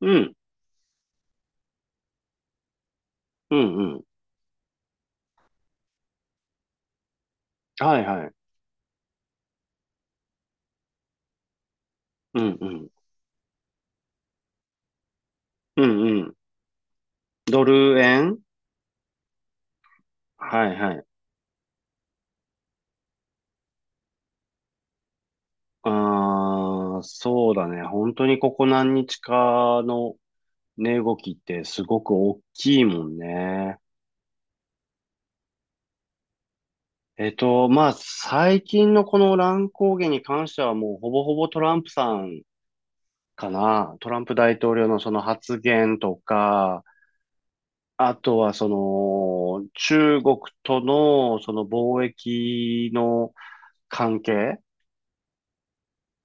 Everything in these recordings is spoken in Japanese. うん、うん、うん。はいはい。うん、うん。うん、うん。ドル円。はいはい。ああ、そうだね。本当にここ何日かの値動きってすごく大きいもんね。まあ、最近のこの乱高下に関してはもうほぼほぼトランプさんかな。トランプ大統領のその発言とか、あとはその中国とのその貿易の関係、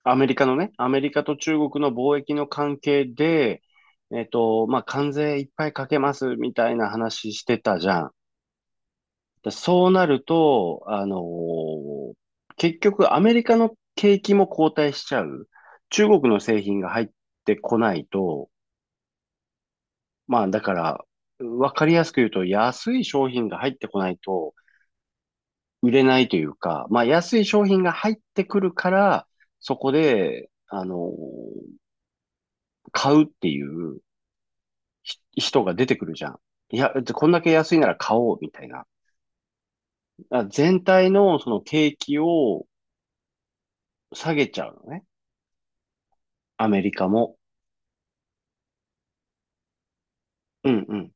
アメリカのね、アメリカと中国の貿易の関係で、まあ、関税いっぱいかけますみたいな話してたじゃん。でそうなると、結局アメリカの景気も後退しちゃう。中国の製品が入ってこないと、まあ、だから、わかりやすく言うと、安い商品が入ってこないと売れないというか、まあ、安い商品が入ってくるから、そこで、買うっていう、人が出てくるじゃん。いや、こんだけ安いなら買おうみたいな。全体のその景気を下げちゃうのね。アメリカも。うんうん。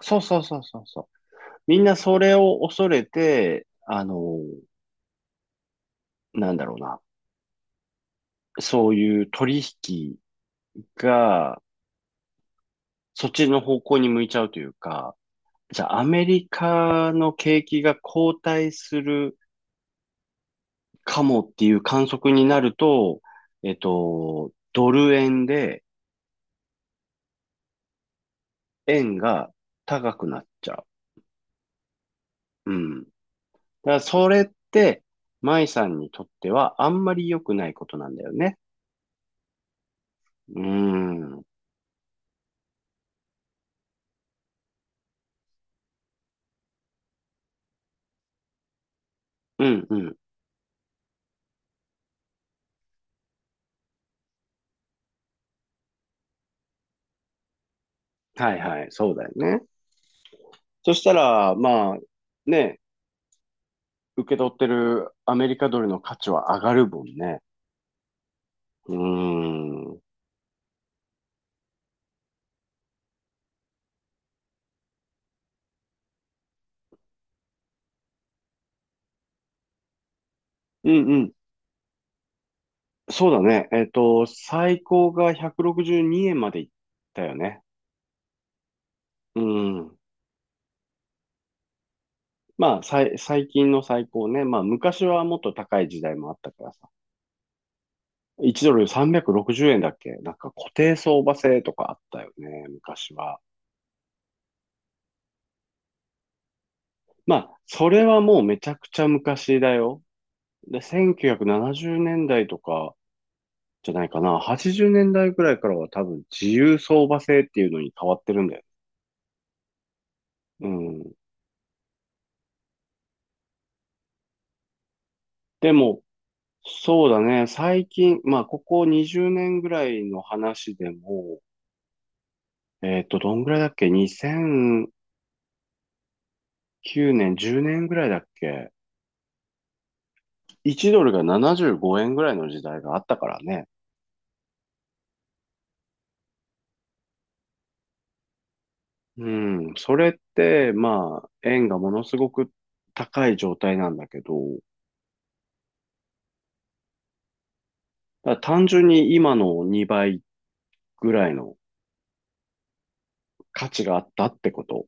そうそうそうそうそう。みんなそれを恐れて、なんだろうな。そういう取引がそっちの方向に向いちゃうというか、じゃあアメリカの景気が後退するかもっていう観測になると、ドル円で円が高くなっちゃう。うん。だからそれって、舞さんにとってはあんまり良くないことなんだよね。うん。うんうん。はいはい。そうだよね。そしたら、まあ、ね、受け取ってるアメリカドルの価値は上がるもんね。うーん。うんうん。そうだね。最高が162円までいったよね。うん。まあ、最近の最高ね。まあ、昔はもっと高い時代もあったからさ。1ドル360円だっけ。なんか固定相場制とかあったよね、昔は。まあ、それはもうめちゃくちゃ昔だよ。で、1970年代とかじゃないかな。80年代ぐらいからは多分自由相場制っていうのに変わってるんだよ。うん。でも、そうだね。最近、まあ、ここ20年ぐらいの話でも、どんぐらいだっけ？ 2009 年、10年ぐらいだっけ？ 1 ドルが75円ぐらいの時代があったからね。うん、それって、まあ、円がものすごく高い状態なんだけど、だから単純に今の2倍ぐらいの価値があったってこと。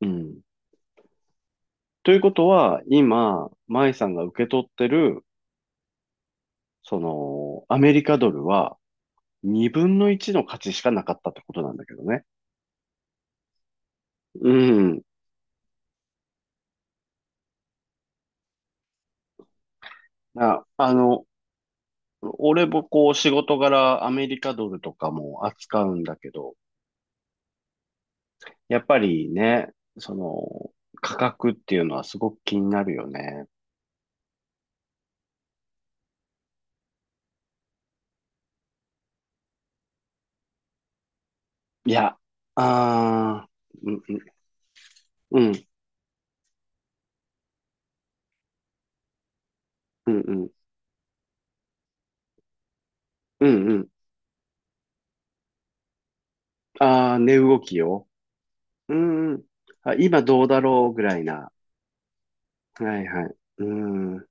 うん。ということは、今、舞さんが受け取ってる、その、アメリカドルは2分の1の価値しかなかったってことなんだけどね。うん。あ、あの、俺もこう仕事柄アメリカドルとかも扱うんだけど、やっぱりね、その、価格っていうのはすごく気になるよね。いや、ああ、うんうん、うん、うん、うん、うん。ああ、値動きよ。うん、うん。あ、今どうだろうぐらいな。はいはい。うん、う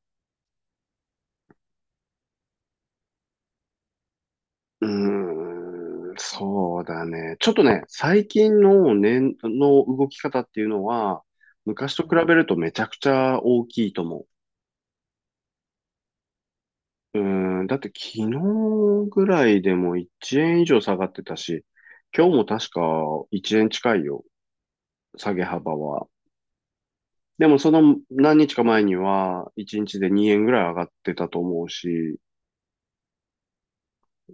ーん、そうだね。ちょっとね、最近の値の動き方っていうのは、昔と比べるとめちゃくちゃ大きいと思う。うーん、だって昨日ぐらいでも1円以上下がってたし、今日も確か1円近いよ、下げ幅は。でもその何日か前には1日で2円ぐらい上がってたと思うし、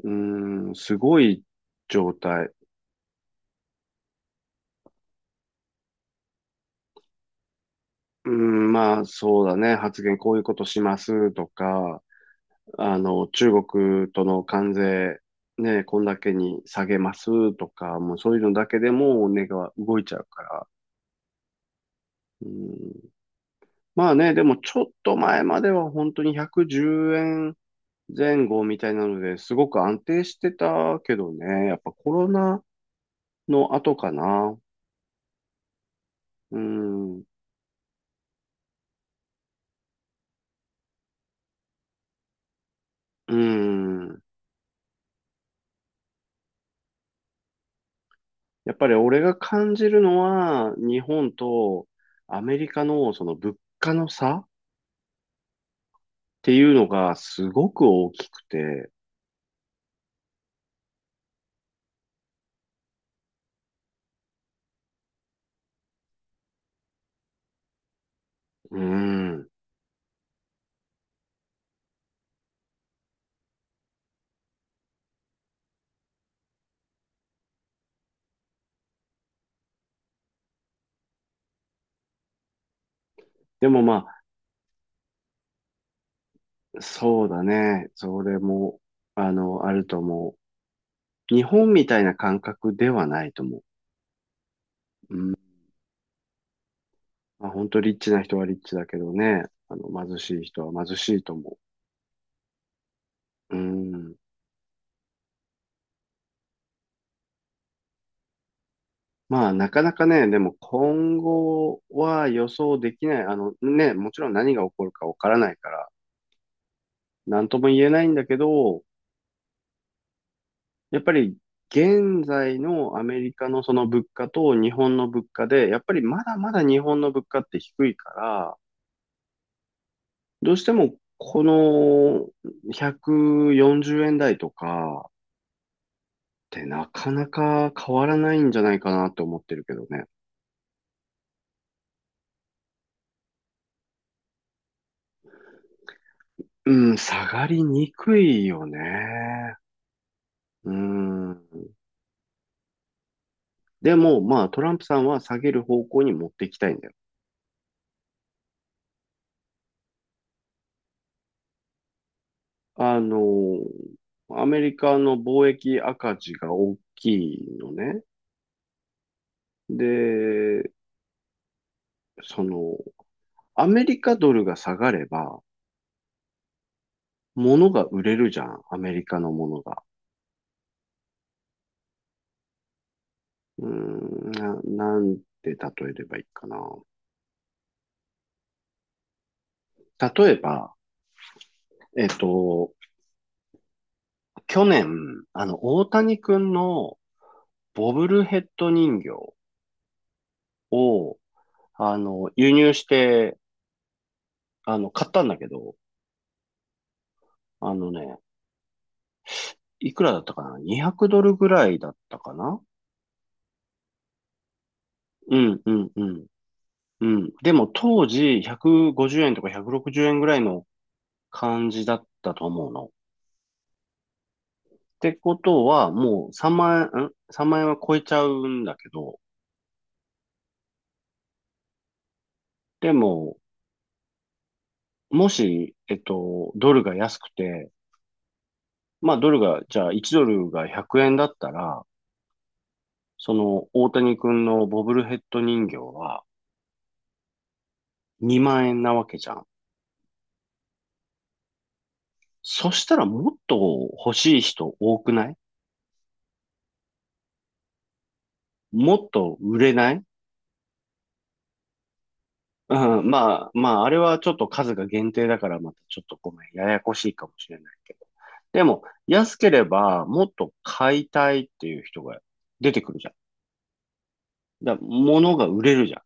うーん、すごい状態。うーん、まあそうだね、発言こういうことしますとか、中国との関税、ね、こんだけに下げますとか、もうそういうのだけでも値が動いちゃうから。うん。まあね、でもちょっと前までは本当に110円前後みたいなので、すごく安定してたけどね、やっぱコロナの後かな。うん、うん。やっぱり俺が感じるのは、日本とアメリカのその物価の差っていうのがすごく大きくて、うん。でもまあ、そうだね。それも、あると思う。日本みたいな感覚ではないと思う。うん。まあ本当リッチな人はリッチだけどね、貧しい人は貧しいと思う。うん。まあなかなかね、でも今後は予想できない。あのね、もちろん何が起こるかわからないから、なんとも言えないんだけど、やっぱり現在のアメリカのその物価と日本の物価で、やっぱりまだまだ日本の物価って低いから、どうしてもこの140円台とか、てなかなか変わらないんじゃないかなって思ってるけどね。うん、下がりにくいよね。うん。でも、まあ、トランプさんは下げる方向に持っていきたいんだよ。あの、アメリカの貿易赤字が大きいのね。で、その、アメリカドルが下がれば、物が売れるじゃん。アメリカのものが。うーん、なんて例えればいいかな。例えば、えっと、去年、大谷くんのボブルヘッド人形を、輸入して、買ったんだけど、あのね、いくらだったかな？ 200 ドルぐらいだったかな。うん、うん、うん、うん。でも当時、150円とか160円ぐらいの感じだったと思うの。ってことは、もう3万円、ん？ 3 万円は超えちゃうんだけど、でも、もし、ドルが安くて、まあ、ドルが、じゃあ1ドルが100円だったら、その大谷君のボブルヘッド人形は2万円なわけじゃん。そしたらもっと欲しい人多くない？もっと売れない？うん、まあ、まあ、あれはちょっと数が限定だから、またちょっとごめん、ややこしいかもしれないけど。でも、安ければ、もっと買いたいっていう人が出てくるじゃん。物が売れるじゃん。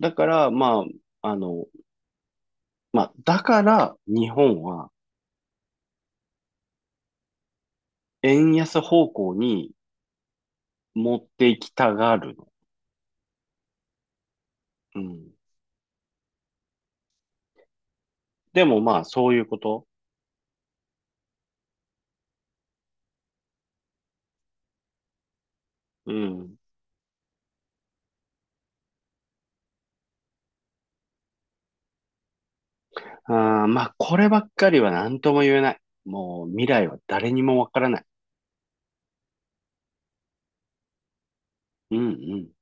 だから、まあ、だから、日本は円安方向に持っていきたがるの。うん。でもまあ、そういうこと。うん。まあ、こればっかりは何とも言えない。もう、未来は誰にもわからない。うんうん。